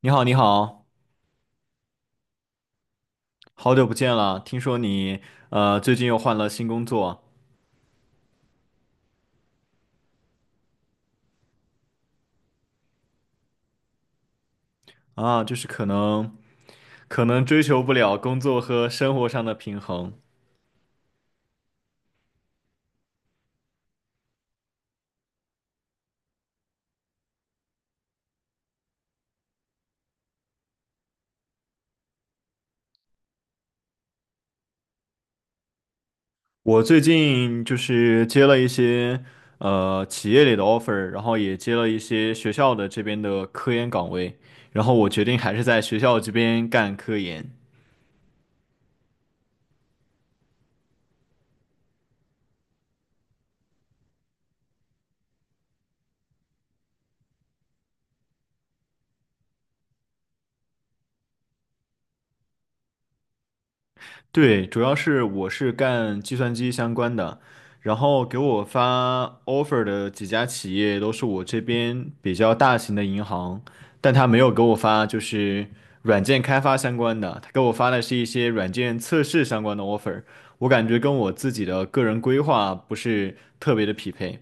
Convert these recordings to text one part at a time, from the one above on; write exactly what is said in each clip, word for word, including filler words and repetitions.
你好，你好，好久不见了。听说你呃最近又换了新工作。啊，就是可能可能追求不了工作和生活上的平衡。我最近就是接了一些呃企业里的 offer，然后也接了一些学校的这边的科研岗位，然后我决定还是在学校这边干科研。对，主要是我是干计算机相关的，然后给我发 offer 的几家企业都是我这边比较大型的银行，但他没有给我发就是软件开发相关的，他给我发的是一些软件测试相关的 offer，我感觉跟我自己的个人规划不是特别的匹配。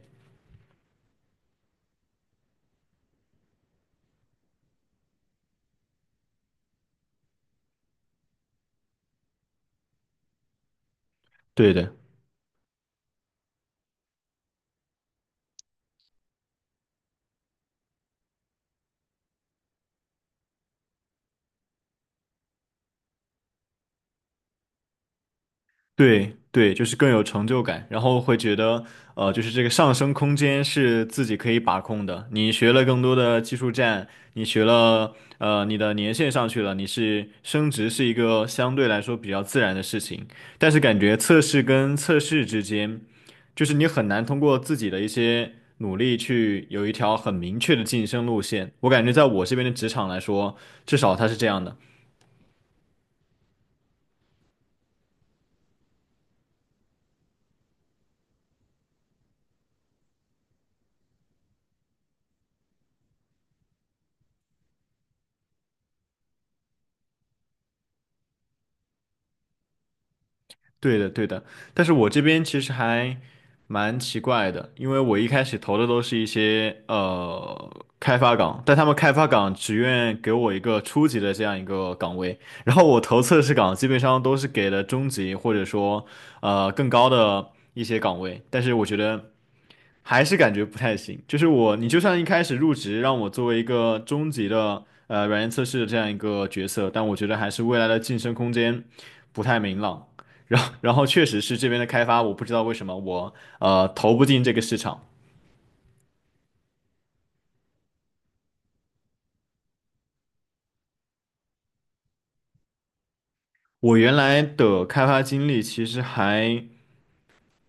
对的。对对，就是更有成就感，然后会觉得，呃，就是这个上升空间是自己可以把控的。你学了更多的技术栈，你学了，呃，你的年限上去了，你是升职是一个相对来说比较自然的事情。但是感觉测试跟测试之间，就是你很难通过自己的一些努力去有一条很明确的晋升路线。我感觉在我这边的职场来说，至少它是这样的。对的，对的，但是我这边其实还蛮奇怪的，因为我一开始投的都是一些呃开发岗，但他们开发岗只愿给我一个初级的这样一个岗位，然后我投测试岗基本上都是给了中级或者说呃更高的一些岗位，但是我觉得还是感觉不太行。就是我，你就算一开始入职让我作为一个中级的呃软件测试的这样一个角色，但我觉得还是未来的晋升空间不太明朗。然后，然后确实是这边的开发，我不知道为什么我呃投不进这个市场。我原来的开发经历其实还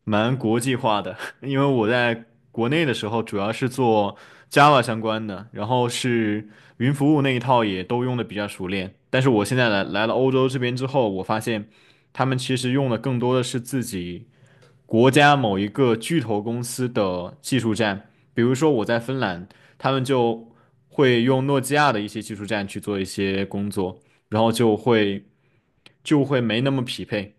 蛮国际化的，因为我在国内的时候主要是做 Java 相关的，然后是云服务那一套也都用的比较熟练。但是我现在来来了欧洲这边之后，我发现他们其实用的更多的是自己国家某一个巨头公司的技术栈，比如说我在芬兰，他们就会用诺基亚的一些技术栈去做一些工作，然后就会就会没那么匹配。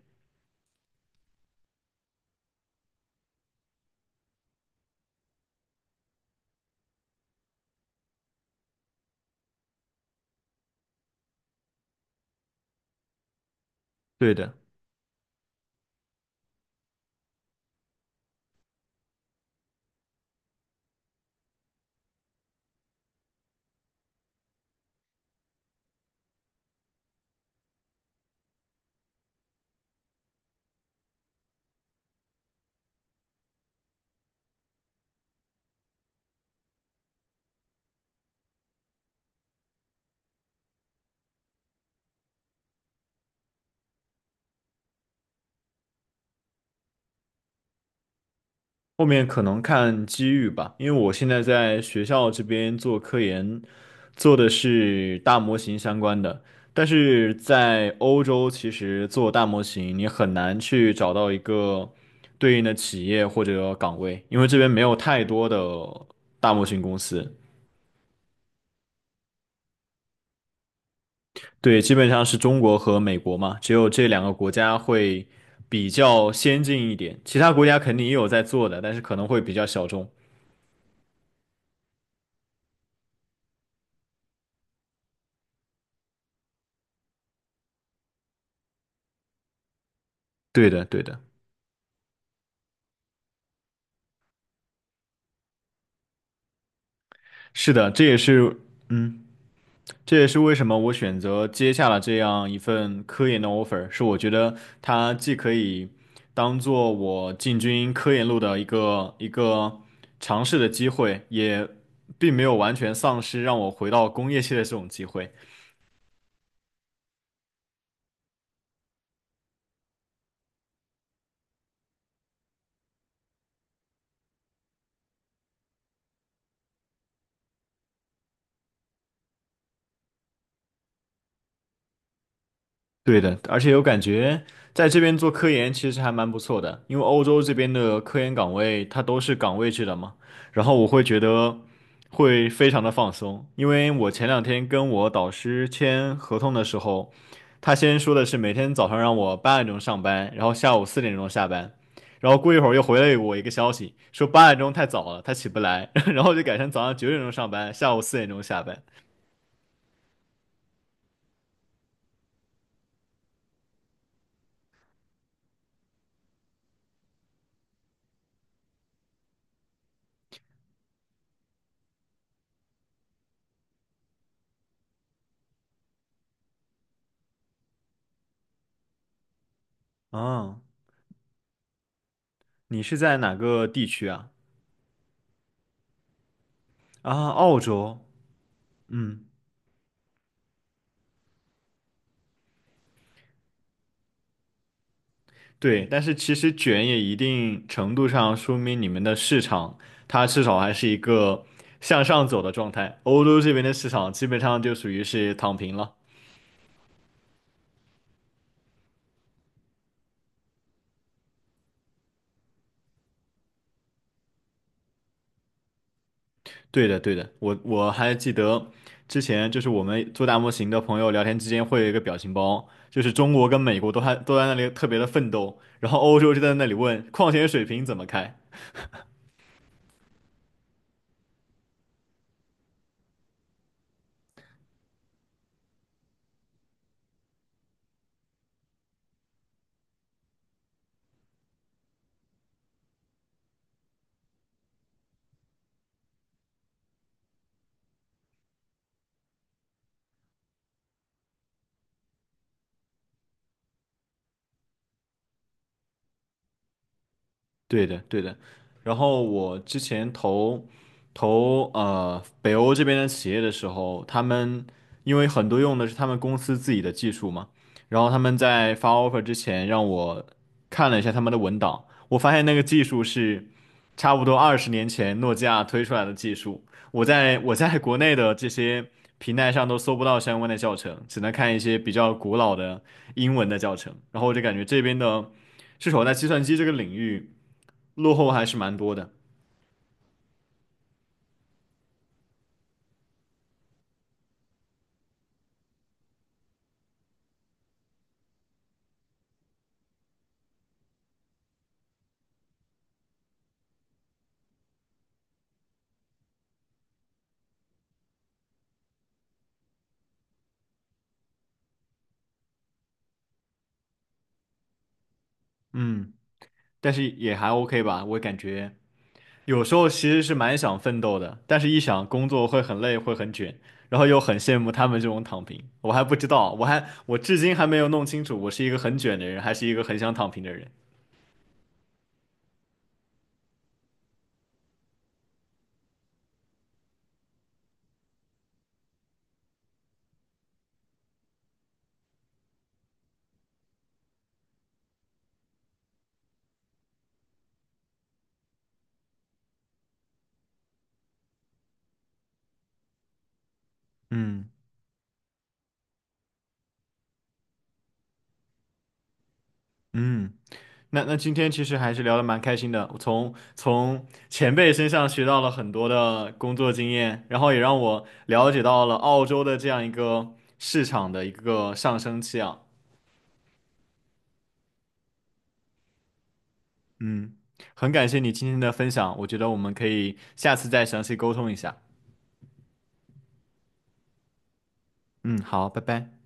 对的。后面可能看机遇吧，因为我现在在学校这边做科研，做的是大模型相关的。但是在欧洲，其实做大模型你很难去找到一个对应的企业或者岗位，因为这边没有太多的大模型公司。对，基本上是中国和美国嘛，只有这两个国家会比较先进一点，其他国家肯定也有在做的，但是可能会比较小众。对的，对的，是的，这也是，嗯。这也是为什么我选择接下了这样一份科研的 offer，是我觉得它既可以当做我进军科研路的一个一个尝试的机会，也并没有完全丧失让我回到工业界的这种机会。对的，而且有感觉在这边做科研其实还蛮不错的，因为欧洲这边的科研岗位它都是岗位制的嘛，然后我会觉得会非常的放松，因为我前两天跟我导师签合同的时候，他先说的是每天早上让我八点钟上班，然后下午四点钟下班，然后过一会儿又回了我一个消息说八点钟太早了，他起不来，然后就改成早上九点钟上班，下午四点钟下班。啊，你是在哪个地区啊？啊，澳洲。嗯，对，但是其实卷也一定程度上说明你们的市场，它至少还是一个向上走的状态。欧洲这边的市场基本上就属于是躺平了。对的，对的，我我还记得之前就是我们做大模型的朋友聊天之间会有一个表情包，就是中国跟美国都还都在那里特别的奋斗，然后欧洲就在那里问矿泉水瓶怎么开。对的，对的。然后我之前投投呃北欧这边的企业的时候，他们因为很多用的是他们公司自己的技术嘛，然后他们在发 offer 之前让我看了一下他们的文档，我发现那个技术是差不多二十年前诺基亚推出来的技术，我在我在国内的这些平台上都搜不到相关的教程，只能看一些比较古老的英文的教程，然后我就感觉这边的是少在计算机这个领域。落后还是蛮多的，嗯，但是也还 OK 吧，我感觉有时候其实是蛮想奋斗的，但是一想工作会很累，会很卷，然后又很羡慕他们这种躺平，我还不知道，我还我至今还没有弄清楚，我是一个很卷的人，还是一个很想躺平的人，嗯嗯。那那今天其实还是聊得蛮开心的，我从从前辈身上学到了很多的工作经验，然后也让我了解到了澳洲的这样一个市场的一个上升期啊。嗯，很感谢你今天的分享，我觉得我们可以下次再详细沟通一下。嗯，好，拜拜。